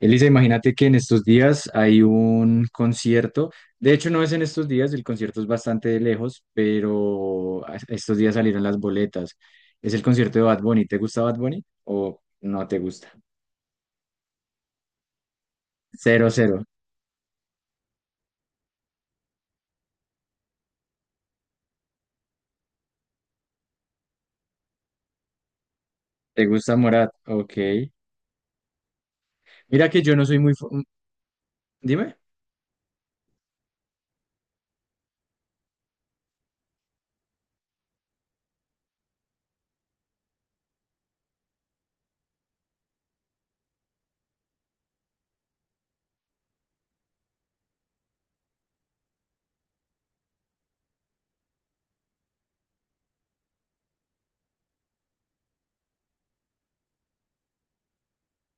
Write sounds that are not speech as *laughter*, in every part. Elisa, imagínate que en estos días hay un concierto. De hecho, no es en estos días, el concierto es bastante de lejos, pero estos días salieron las boletas. Es el concierto de Bad Bunny. ¿Te gusta Bad Bunny o no te gusta? Cero, cero. ¿Te gusta Morat? Ok. Mira que yo no soy muy. Dime.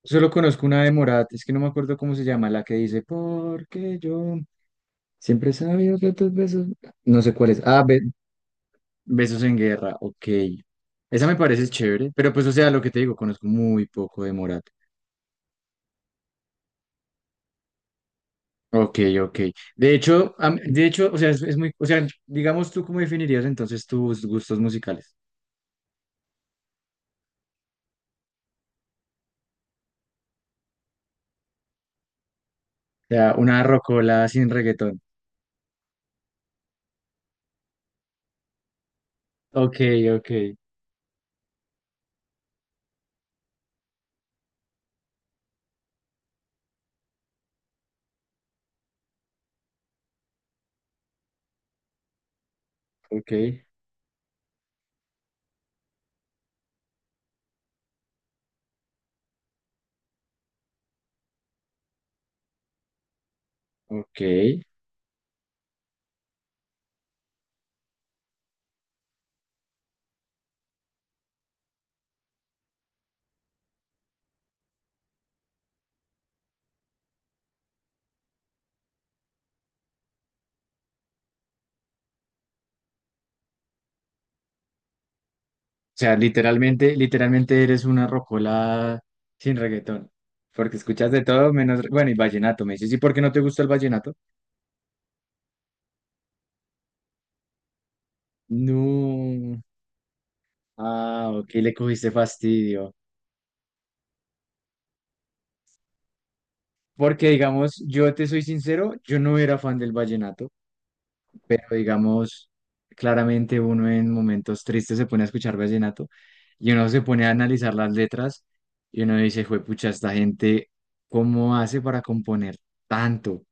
Solo conozco una de Morat. Es que no me acuerdo cómo se llama, la que dice, porque yo siempre he sabido que tus besos. No sé cuál es. Ah, Besos en Guerra, ok. Esa me parece chévere, pero pues, o sea, lo que te digo, conozco muy poco de Morat. Ok, ok. De hecho, o sea, es muy, o sea, digamos, ¿tú cómo definirías entonces tus gustos musicales? O sea, una rocola sin reggaetón. Ok, ok, ok, ok. O sea, literalmente, literalmente eres una rocola sin reggaetón, porque escuchas de todo menos, bueno, y vallenato, me dices, ¿y por qué no te gusta el vallenato? No. Ah, ok, le cogiste fastidio. Porque, digamos, yo te soy sincero, yo no era fan del vallenato, pero, digamos, claramente uno en momentos tristes se pone a escuchar vallenato y uno se pone a analizar las letras y uno dice, juepucha, esta gente, ¿cómo hace para componer tanto?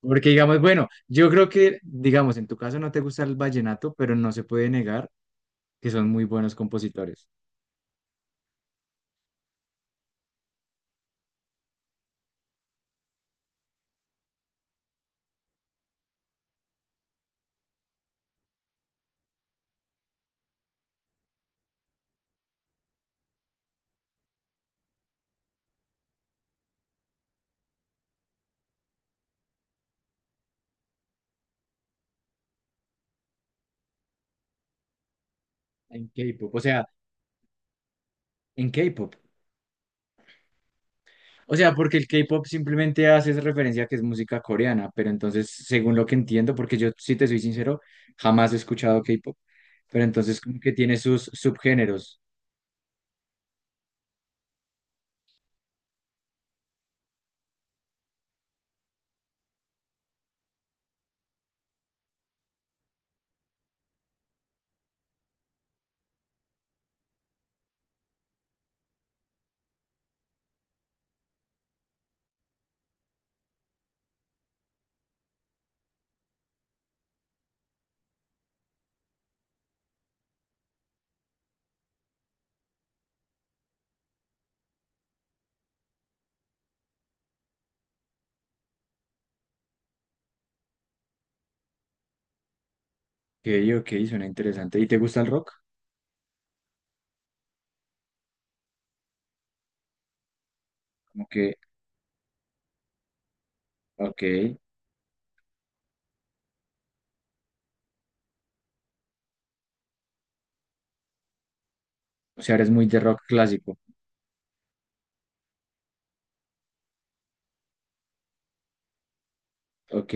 Porque, digamos, bueno, yo creo que, digamos, en tu caso no te gusta el vallenato, pero no se puede negar que son muy buenos compositores en K-pop, o sea, en K-pop. O sea, porque el K-pop simplemente hace esa referencia a que es música coreana, pero entonces, según lo que entiendo, porque yo, si te soy sincero, jamás he escuchado K-pop, pero entonces como que tiene sus subgéneros, que ok, ok, suena interesante. ¿Y te gusta el rock? Como que, ok, o sea, eres muy de rock clásico, ok.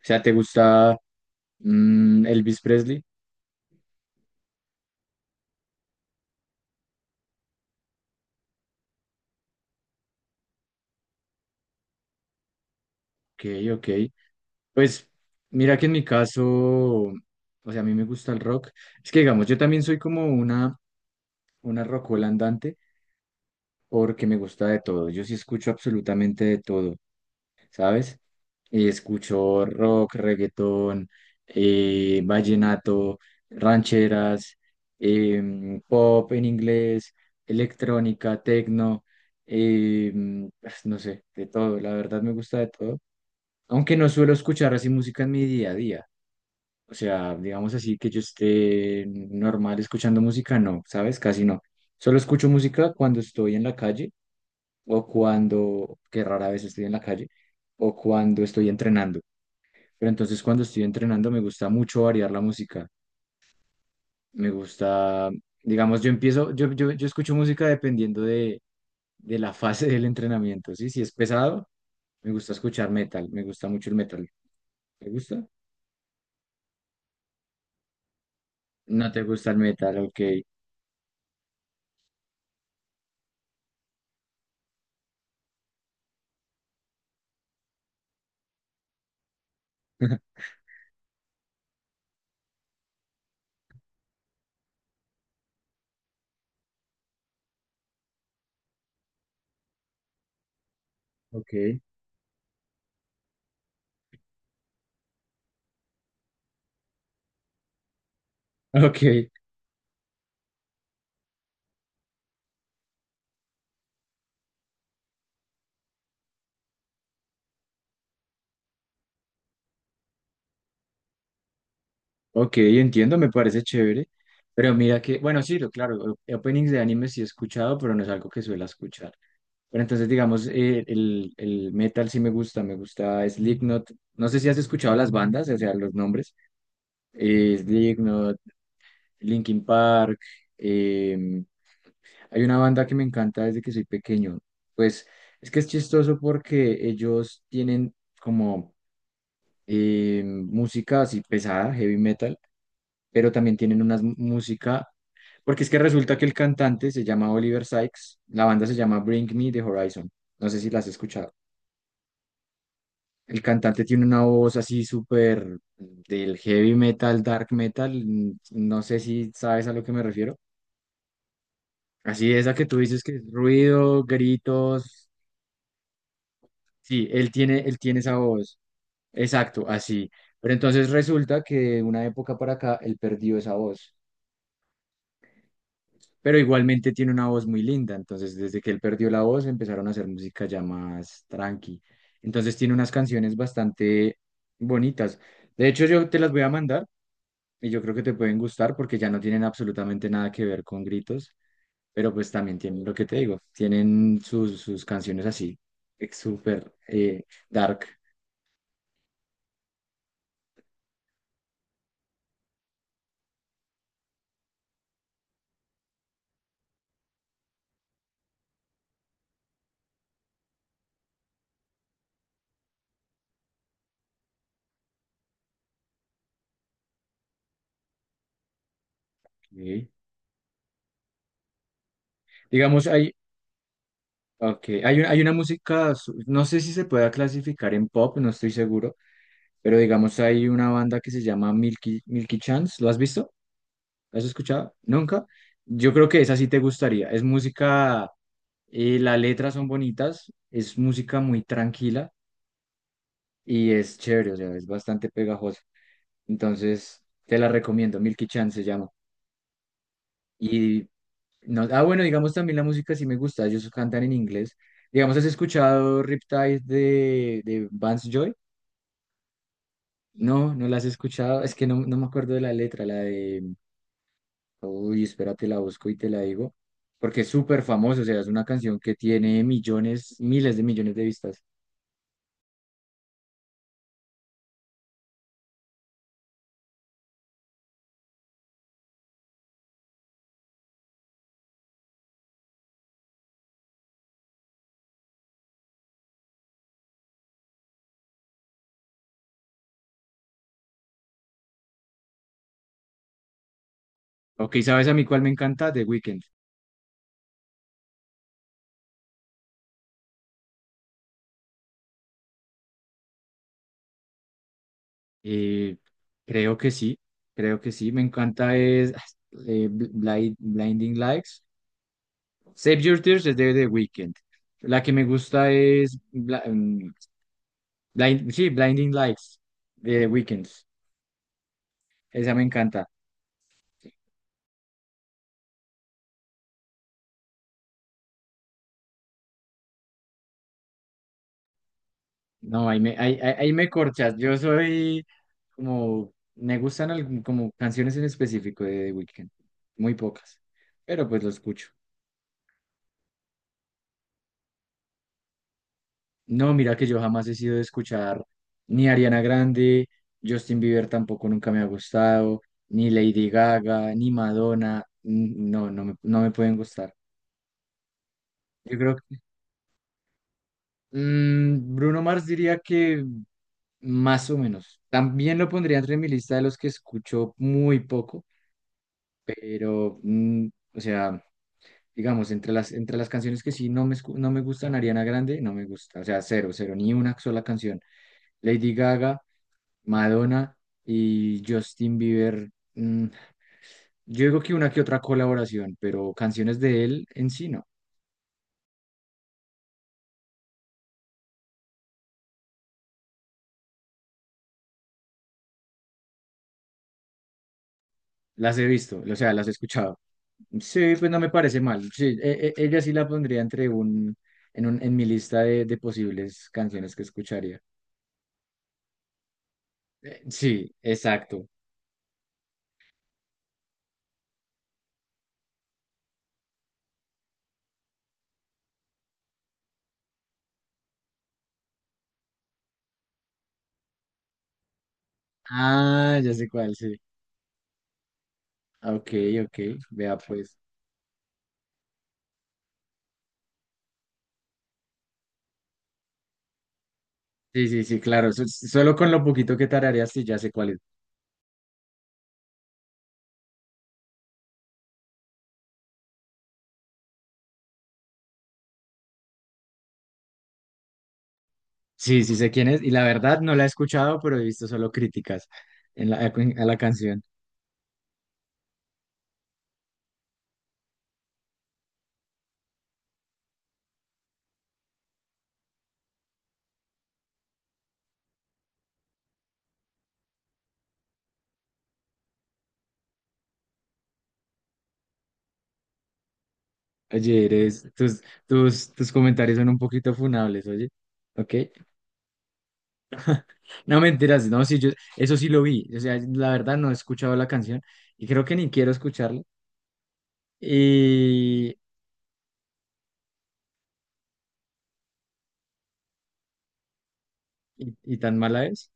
O sea, ¿te gusta Elvis Presley? Ok, ok. Pues mira que en mi caso, o sea, a mí me gusta el rock. Es que digamos, yo también soy como una rockola andante. Porque me gusta de todo. Yo sí escucho absolutamente de todo, ¿sabes? Escucho rock, reggaetón, vallenato, rancheras, pop en inglés, electrónica, tecno, em, *sighs* no sé, de todo. La verdad me gusta de todo aunque no suelo escuchar así música en mi día a día. O sea, digamos así que yo esté normal escuchando música, no, ¿sabes? Casi no. Solo escucho música cuando estoy en la calle o cuando, que rara vez estoy en la calle, o cuando estoy entrenando. Pero entonces cuando estoy entrenando me gusta mucho variar la música. Me gusta, digamos, yo empiezo, yo escucho música dependiendo de la fase *laughs* del entrenamiento, ¿sí? Si es pesado, me gusta escuchar metal, me gusta mucho el metal. ¿Te gusta? No te gusta el metal, ok. *laughs* Ok, ok, ok, entiendo, me parece chévere. Pero mira que, bueno, sí, lo claro, openings de anime sí he escuchado, pero no es algo que suela escuchar. Pero entonces, digamos, el metal sí me gusta Slipknot. No sé si has escuchado las bandas, o sea, los nombres. Slipknot, Linkin Park. em, Hay una banda que me encanta desde que soy pequeño. Pues es que es chistoso porque ellos tienen como música así pesada, heavy metal, pero también tienen una música, porque es que resulta que el cantante se llama Oliver Sykes, la banda se llama Bring Me the Horizon. No sé si las has escuchado. El cantante tiene una voz así súper del heavy metal, dark metal. No sé si sabes a lo que me refiero. Así esa que tú dices que es ruido, gritos. Sí, él tiene esa voz. Exacto, así. Pero entonces resulta que de una época para acá él perdió esa voz. Pero igualmente tiene una voz muy linda. Entonces, desde que él perdió la voz, empezaron a hacer música ya más tranqui. Entonces tiene unas canciones bastante bonitas. De hecho, yo te las voy a mandar y yo creo que te pueden gustar porque ya no tienen absolutamente nada que ver con gritos. Pero pues también tienen lo que te digo, tienen sus canciones así, súper dark. ¿Sí? Digamos, hay, okay, hay, un- hay una música, no sé si se pueda clasificar en pop, no estoy seguro, pero digamos, hay una banda que se llama Milky Chance, ¿lo has visto? ¿Lo has escuchado? ¿Nunca? Yo creo que esa sí te gustaría. Es música, las letras son bonitas, es música muy tranquila y es chévere, o sea, es bastante pegajosa. Entonces, te la recomiendo, Milky Chance se llama. Y no, ah, bueno, digamos también la música sí me gusta, ellos cantan en inglés. Digamos, ¿has escuchado Riptide de Vance Joy? No, no la has escuchado, es que no, no me acuerdo de la letra, la de, uy, espérate, la busco y te la digo, porque es súper famosa, o sea, es una canción que tiene millones, miles de millones de vistas. Ok, ¿sabes a mí cuál me encanta? The Weeknd. Eh, Creo que sí, creo que sí, me encanta es Blinding Lights. Save Your Tears es de The Weeknd. La que me gusta es sí, Blinding Lights de The Weeknd. Esa me encanta. No, ahí me corchas. Me gustan como canciones en específico de The Weeknd. Muy pocas, pero pues lo escucho. No, mira que yo jamás he sido de escuchar ni Ariana Grande, Justin Bieber tampoco nunca me ha gustado, ni Lady Gaga, ni Madonna. No, no me pueden gustar. Yo creo Bruno Mars diría que más o menos. También lo pondría entre mi lista de los que escucho muy poco, pero, o sea, digamos, entre las, canciones que sí no me gustan, Ariana Grande, no me gusta, o sea, cero, cero, ni una sola canción. Lady Gaga, Madonna y Justin Bieber, yo digo que una que otra colaboración, pero canciones de él en sí no. Las he visto, o sea, las he escuchado. Sí, pues no me parece mal. Sí, ella sí la pondría entre un, en mi lista de posibles canciones que escucharía. Sí, exacto. Ah, ya sé cuál, sí. Ok, ok, vea pues. Sí, sí, sí, claro. Solo con lo poquito que tarareas, sí, ya sé cuál es. Sí, sí sé quién es. Y la verdad no la he escuchado, pero he visto solo críticas a la canción. Oye, tus comentarios son un poquito funables, oye. Ok. No mentiras, no, sí, yo eso sí lo vi. O sea, la verdad no he escuchado la canción y creo que ni quiero escucharla. Y, y, y, tan mala es.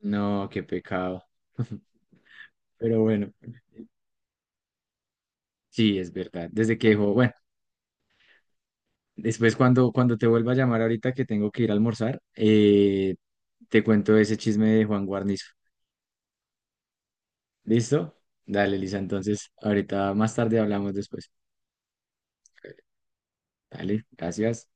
No, qué pecado. *laughs* Pero bueno, sí, es verdad. Desde que dejó, bueno, después cuando te vuelva a llamar ahorita que tengo que ir a almorzar, te cuento ese chisme de Juan Guarnizo. ¿Listo? Dale, Lisa. Entonces, ahorita más tarde hablamos después. Dale, gracias.